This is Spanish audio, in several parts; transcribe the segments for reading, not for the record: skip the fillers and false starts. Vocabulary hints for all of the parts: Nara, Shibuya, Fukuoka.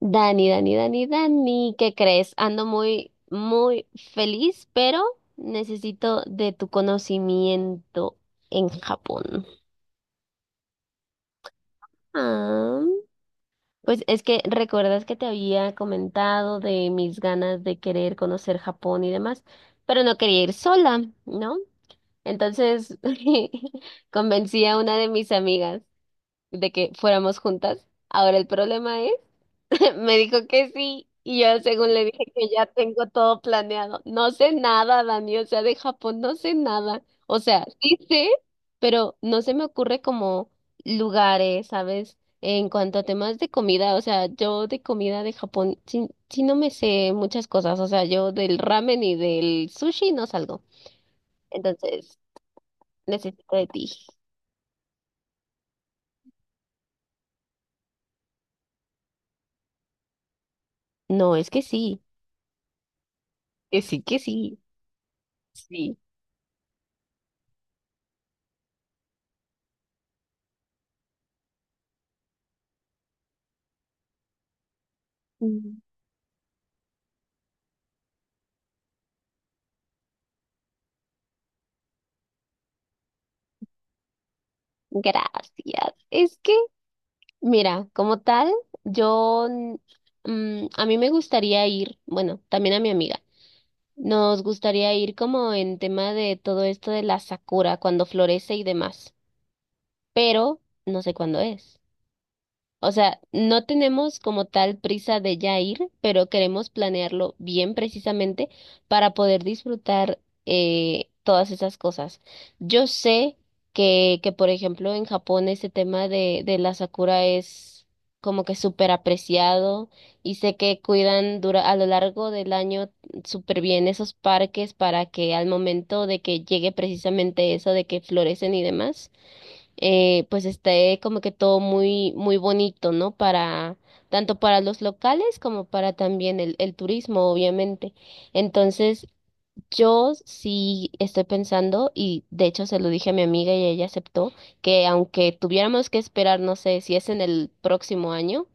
Dani, Dani, Dani, Dani, ¿qué crees? Ando muy, muy feliz, pero necesito de tu conocimiento en Japón. Ah, pues es que recuerdas que te había comentado de mis ganas de querer conocer Japón y demás, pero no quería ir sola, ¿no? Entonces convencí a una de mis amigas de que fuéramos juntas. Ahora el problema es, me dijo que sí y yo según le dije que ya tengo todo planeado. No sé nada, Dani, o sea, de Japón no sé nada. O sea, sí sé, pero no se me ocurre como lugares, ¿sabes? En cuanto a temas de comida, o sea, yo de comida de Japón sí no me sé muchas cosas, o sea, yo del ramen y del sushi no salgo. Entonces, necesito de ti. No, es que sí, que sí, que sí, sí. Mm. Gracias. Es que mira, como tal, yo, a mí me gustaría ir, bueno, también a mi amiga, nos gustaría ir como en tema de todo esto de la sakura, cuando florece y demás, pero no sé cuándo es. O sea, no tenemos como tal prisa de ya ir, pero queremos planearlo bien precisamente para poder disfrutar todas esas cosas. Yo sé por ejemplo, en Japón ese tema de la sakura es como que súper apreciado y sé que cuidan dura, a lo largo del año súper bien esos parques para que al momento de que llegue precisamente eso de que florecen y demás, pues esté como que todo muy, muy bonito, ¿no? Para, tanto para los locales como para también el turismo, obviamente. Entonces, yo sí estoy pensando, y de hecho se lo dije a mi amiga y ella aceptó, que aunque tuviéramos que esperar, no sé, si es en el próximo año,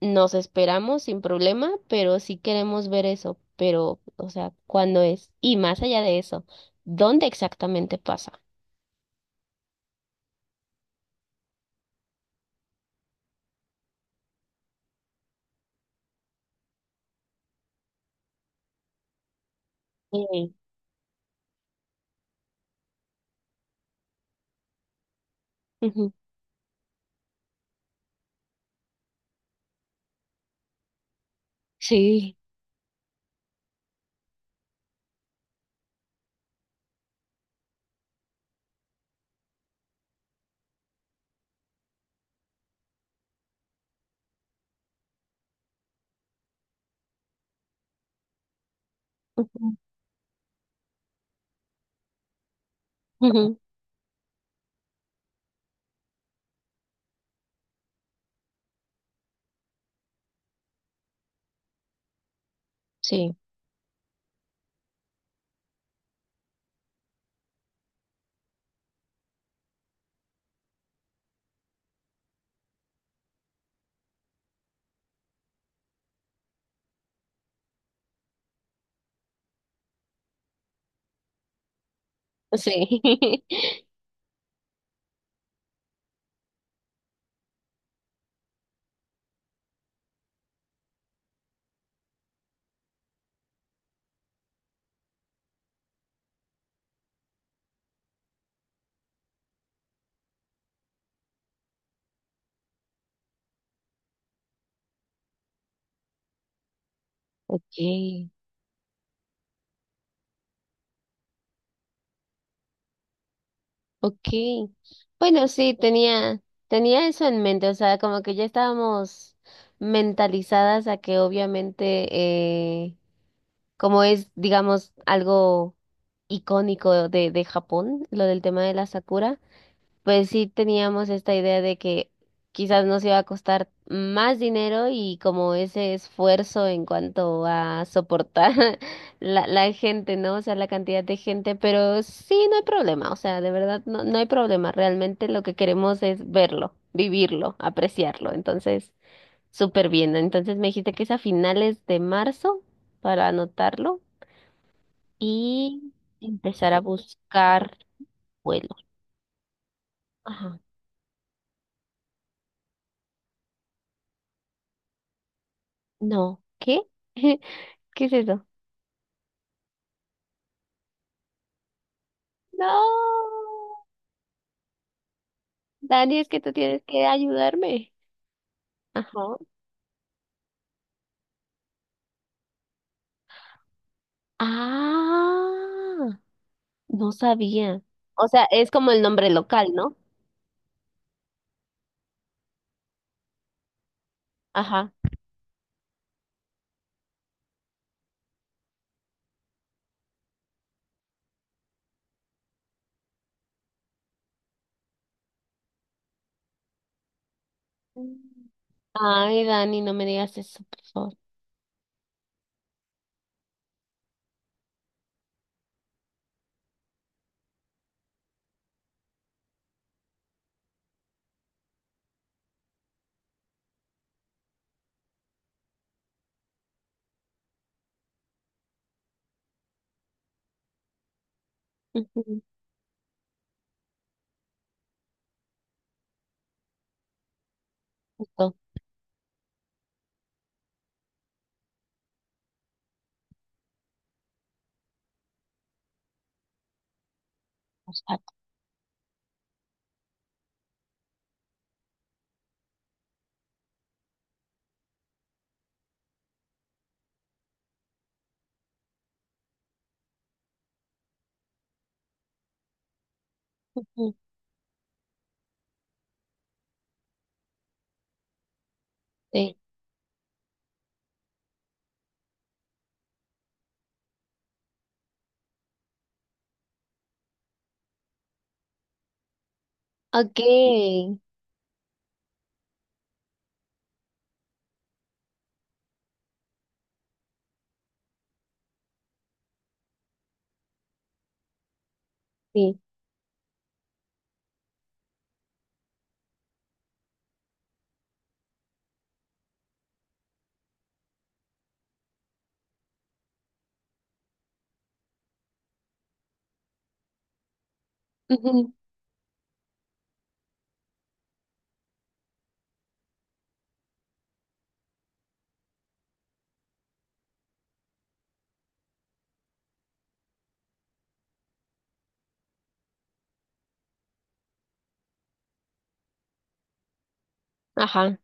nos esperamos sin problema, pero sí queremos ver eso. Pero, o sea, ¿cuándo es? Y más allá de eso, ¿dónde exactamente pasa? Sí. Ujú. Sí. Ujú. Sí, sí. Okay, okay. Bueno, sí, tenía, tenía eso en mente, o sea, como que ya estábamos mentalizadas a que obviamente, como es, digamos, algo icónico de Japón, lo del tema de la Sakura, pues sí teníamos esta idea de que quizás nos iba a costar más dinero y como ese esfuerzo en cuanto a soportar la gente, ¿no? O sea, la cantidad de gente, pero sí, no hay problema, o sea, de verdad, no, no hay problema, realmente lo que queremos es verlo, vivirlo, apreciarlo, entonces, súper bien. ¿No? Entonces me dijiste que es a finales de marzo para anotarlo y empezar a buscar vuelo. Ajá. No, ¿qué? ¿Qué es eso? No, Dani, es que tú tienes que ayudarme. Ajá. Ah, no sabía. O sea, es como el nombre local, ¿no? Ajá. Mm. Ay, Dani, no me digas eso, por favor. Ujú. Justo, exacto. Ujú. Sí. Ok, sí. Ujú. Ajá.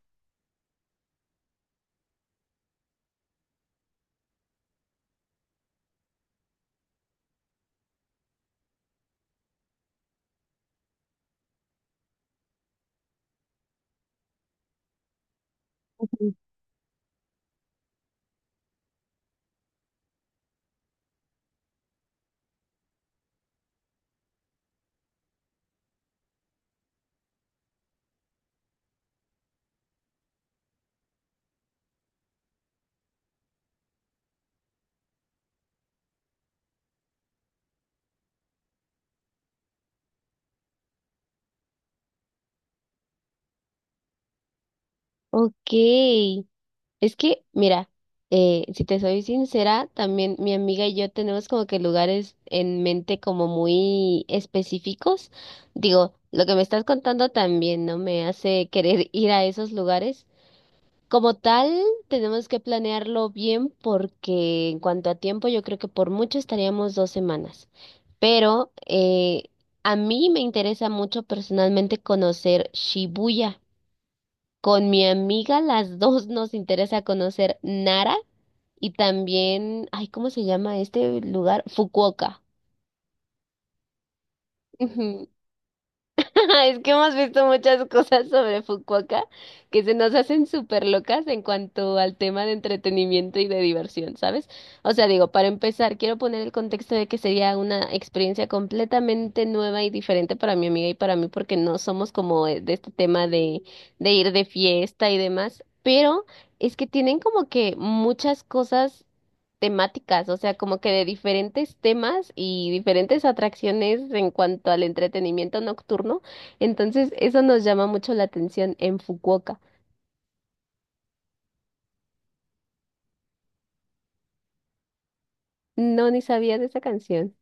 Ujú. Ok. Es que, mira, si te soy sincera, también mi amiga y yo tenemos como que lugares en mente como muy específicos. Digo, lo que me estás contando también no me hace querer ir a esos lugares. Como tal, tenemos que planearlo bien porque en cuanto a tiempo, yo creo que por mucho estaríamos 2 semanas. Pero a mí me interesa mucho personalmente conocer Shibuya. Con mi amiga, las dos nos interesa conocer Nara y también, ay, ¿cómo se llama este lugar? Fukuoka. Ujú. Es que hemos visto muchas cosas sobre Fukuoka que se nos hacen súper locas en cuanto al tema de entretenimiento y de diversión, ¿sabes? O sea, digo, para empezar, quiero poner el contexto de que sería una experiencia completamente nueva y diferente para mi amiga y para mí, porque no somos como de este tema de ir de fiesta y demás, pero es que tienen como que muchas cosas temáticas, o sea, como que de diferentes temas y diferentes atracciones en cuanto al entretenimiento nocturno, entonces, eso nos llama mucho la atención en Fukuoka. No, ni sabía de esa canción.